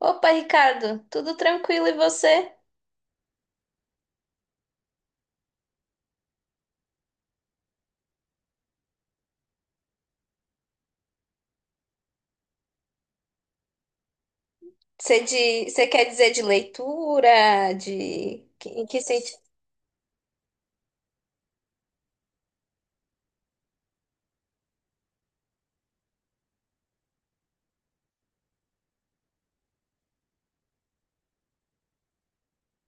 Opa, Ricardo, tudo tranquilo e você? Você quer dizer de leitura, em que sentido?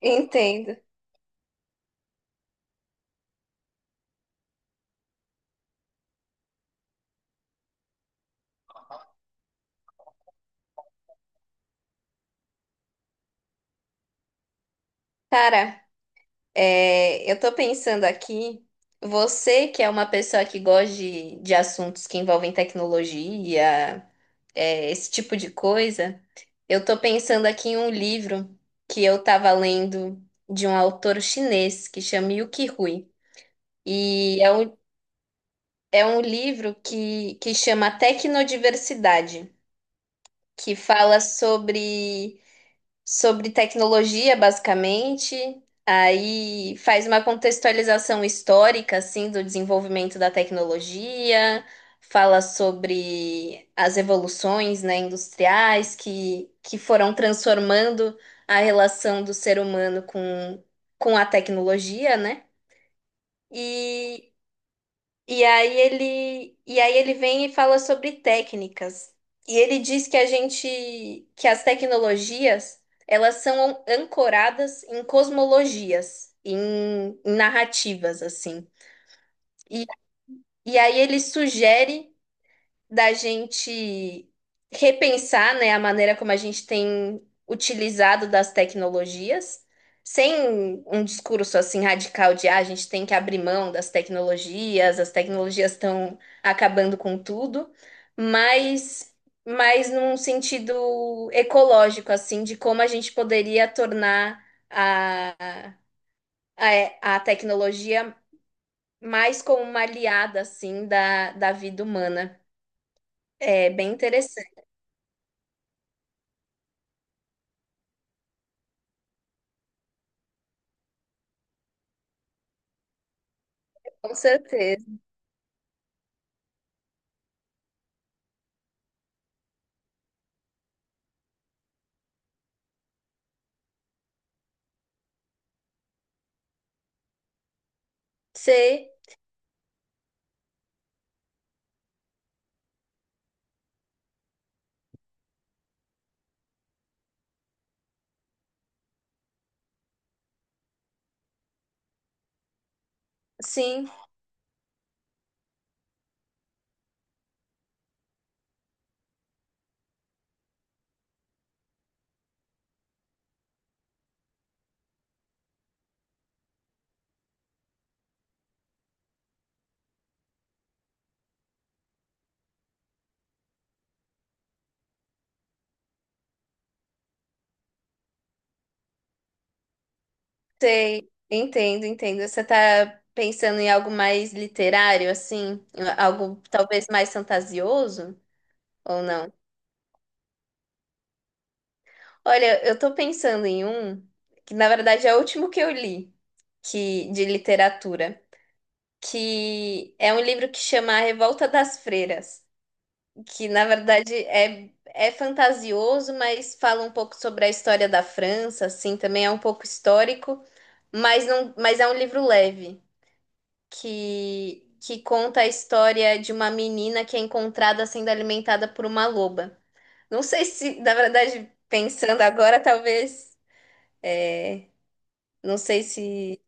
Entendo. Cara, eu tô pensando aqui, você que é uma pessoa que gosta de assuntos que envolvem tecnologia, esse tipo de coisa, eu tô pensando aqui em um livro que eu tava lendo de um autor chinês que chama Yukio Hui. E é um É um livro que chama Tecnodiversidade, que fala sobre, sobre tecnologia, basicamente. Aí faz uma contextualização histórica, assim, do desenvolvimento da tecnologia, fala sobre as evoluções, né, industriais que foram transformando a relação do ser humano com a tecnologia, né? E e aí ele vem e fala sobre técnicas. E ele diz que as tecnologias, elas são ancoradas em cosmologias, em narrativas, assim. E, e aí ele sugere da gente repensar, né, a maneira como a gente tem utilizado das tecnologias, sem um discurso assim radical de ah, a gente tem que abrir mão das tecnologias, as tecnologias estão acabando com tudo, mas mas num sentido ecológico assim de como a gente poderia tornar a a tecnologia mais como uma aliada assim da vida humana. É bem interessante. Com certeza. Sei, sim, sei. Entendo, entendo. Você está pensando em algo mais literário, assim? Algo talvez mais fantasioso ou não? Olha, eu estou pensando em um que, na verdade, é o último que eu li que, de literatura, que é um livro que chama A Revolta das Freiras, que na verdade é, é fantasioso, mas fala um pouco sobre a história da França, assim, também é um pouco histórico, mas não, mas é um livro leve que conta a história de uma menina que é encontrada sendo alimentada por uma loba. Não sei se, na verdade, pensando agora, talvez, é, não sei se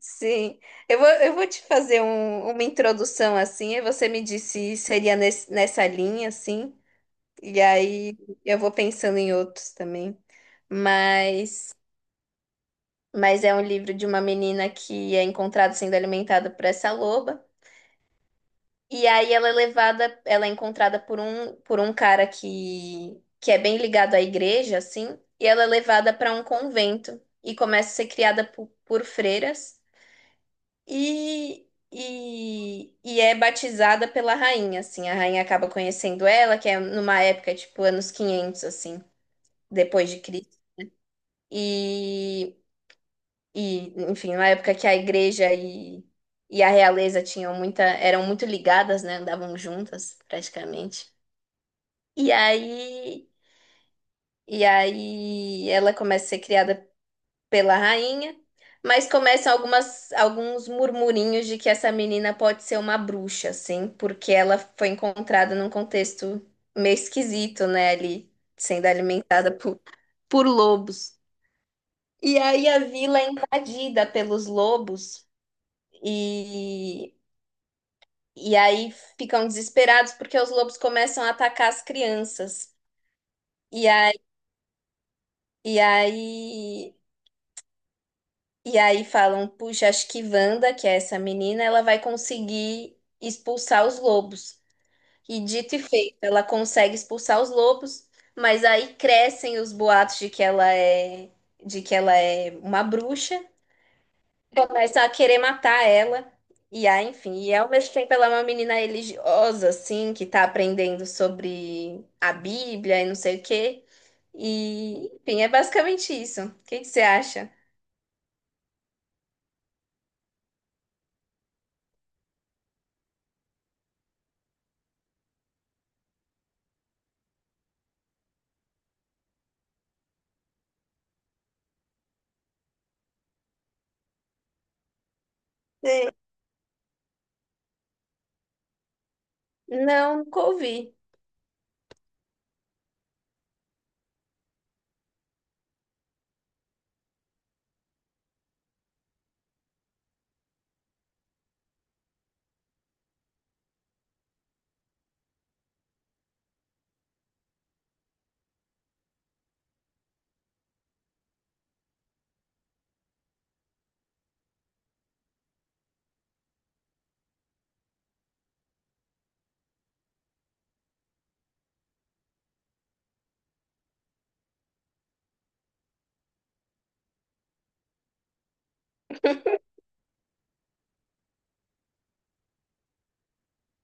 sim. Eu vou te fazer uma introdução assim, e você me disse se seria nessa linha assim. E aí eu vou pensando em outros também. Mas, mas é um livro de uma menina que é encontrada sendo alimentada por essa loba. E aí ela é encontrada por um cara que é bem ligado à igreja, assim. E ela é levada para um convento e começa a ser criada por freiras. E, e é batizada pela rainha, assim. A rainha acaba conhecendo ela, que é numa época, tipo, anos 500 assim, depois de Cristo. E, enfim, na época que a igreja e a realeza tinham muita, eram muito ligadas, né? Andavam juntas, praticamente. E aí, e aí ela começa a ser criada pela rainha, mas começam alguns murmurinhos de que essa menina pode ser uma bruxa, assim, porque ela foi encontrada num contexto meio esquisito, né? Ali, sendo alimentada por lobos. E aí a vila é invadida pelos lobos e, e aí ficam desesperados porque os lobos começam a atacar as crianças. E aí, e aí, e aí falam, puxa, acho que Wanda, que é essa menina, ela vai conseguir expulsar os lobos. E dito e feito, ela consegue expulsar os lobos, mas aí crescem os boatos de de que ela é uma bruxa. Começa a querer matar ela. E aí, enfim, e ao mesmo tempo ela é uma menina religiosa, assim, que tá aprendendo sobre a Bíblia e não sei o quê. E, enfim, é basicamente isso. O que que você acha? Sei. Não, nunca ouvi.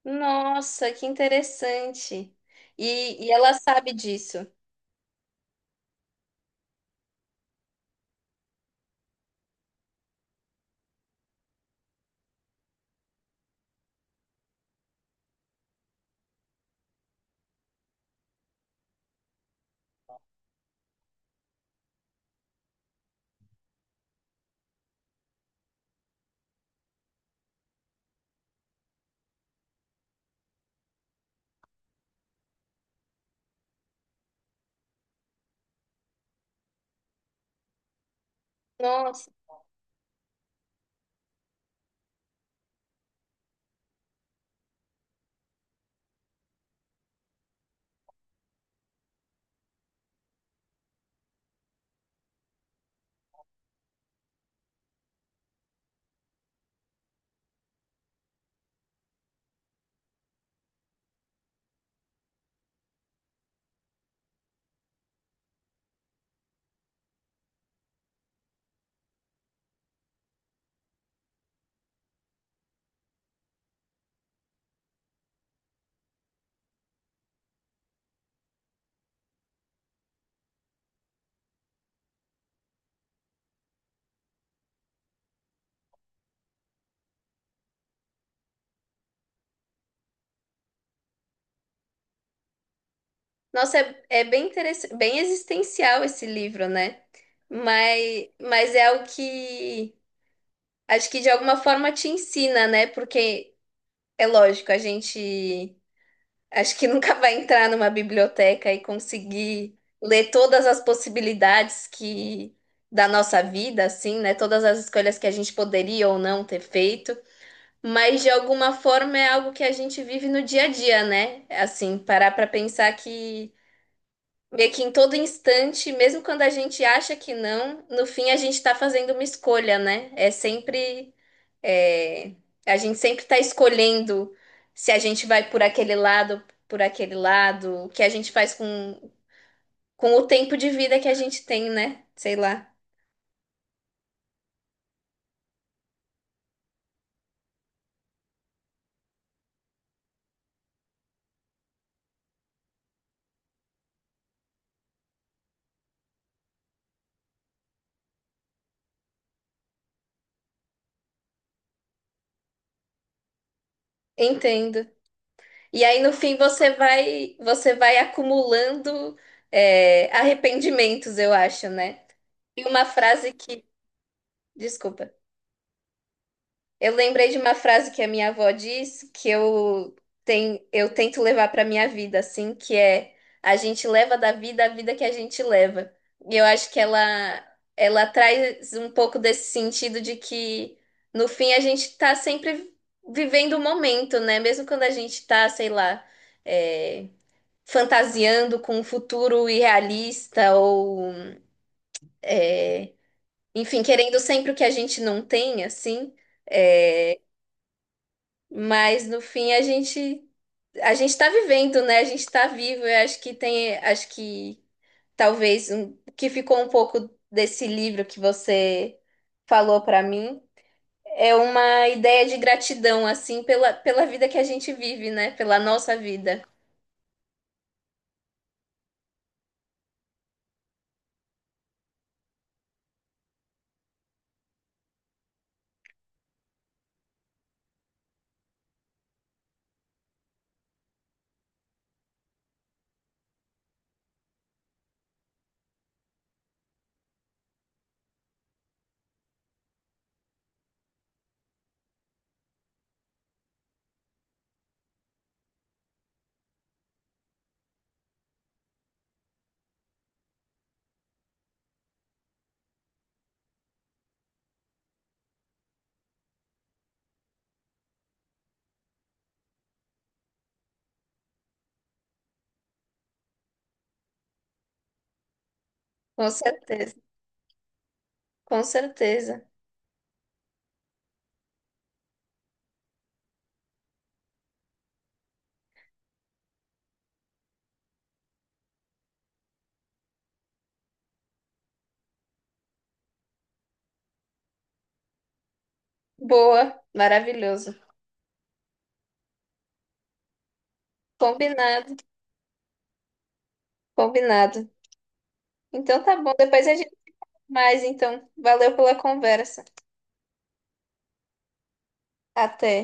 Nossa, que interessante. E ela sabe disso. Nossa, nossa, é, é bem interessante, bem existencial esse livro, né? Mas é o que acho que de alguma forma te ensina, né? Porque é lógico, a gente acho que nunca vai entrar numa biblioteca e conseguir ler todas as possibilidades que da nossa vida, assim, né? Todas as escolhas que a gente poderia ou não ter feito, mas de alguma forma é algo que a gente vive no dia a dia, né? Assim, parar para pensar que meio que em todo instante, mesmo quando a gente acha que não, no fim a gente está fazendo uma escolha, né? É sempre. é, a gente sempre está escolhendo se a gente vai por aquele lado, o que a gente faz com o tempo de vida que a gente tem, né? Sei lá. Entendo. E aí no fim você vai acumulando, arrependimentos, eu acho, né? E uma frase que. Desculpa. Eu lembrei de uma frase que a minha avó disse tem, eu tento levar para minha vida, assim, que é a gente leva da vida a vida que a gente leva. E eu acho ela traz um pouco desse sentido de que, no fim, a gente está sempre vivendo o momento, né? Mesmo quando a gente está, sei lá, é, fantasiando com um futuro irrealista ou, é, enfim, querendo sempre o que a gente não tem, assim. É, mas no fim a gente está vivendo, né? A gente está vivo. Eu acho que tem, acho que talvez um, o que ficou um pouco desse livro que você falou para mim é uma ideia de gratidão assim pela pela vida que a gente vive, né? Pela nossa vida. Com certeza, com certeza. Boa, maravilhoso. Combinado, combinado. Então tá bom. Depois a gente mais. Então, valeu pela conversa. Até.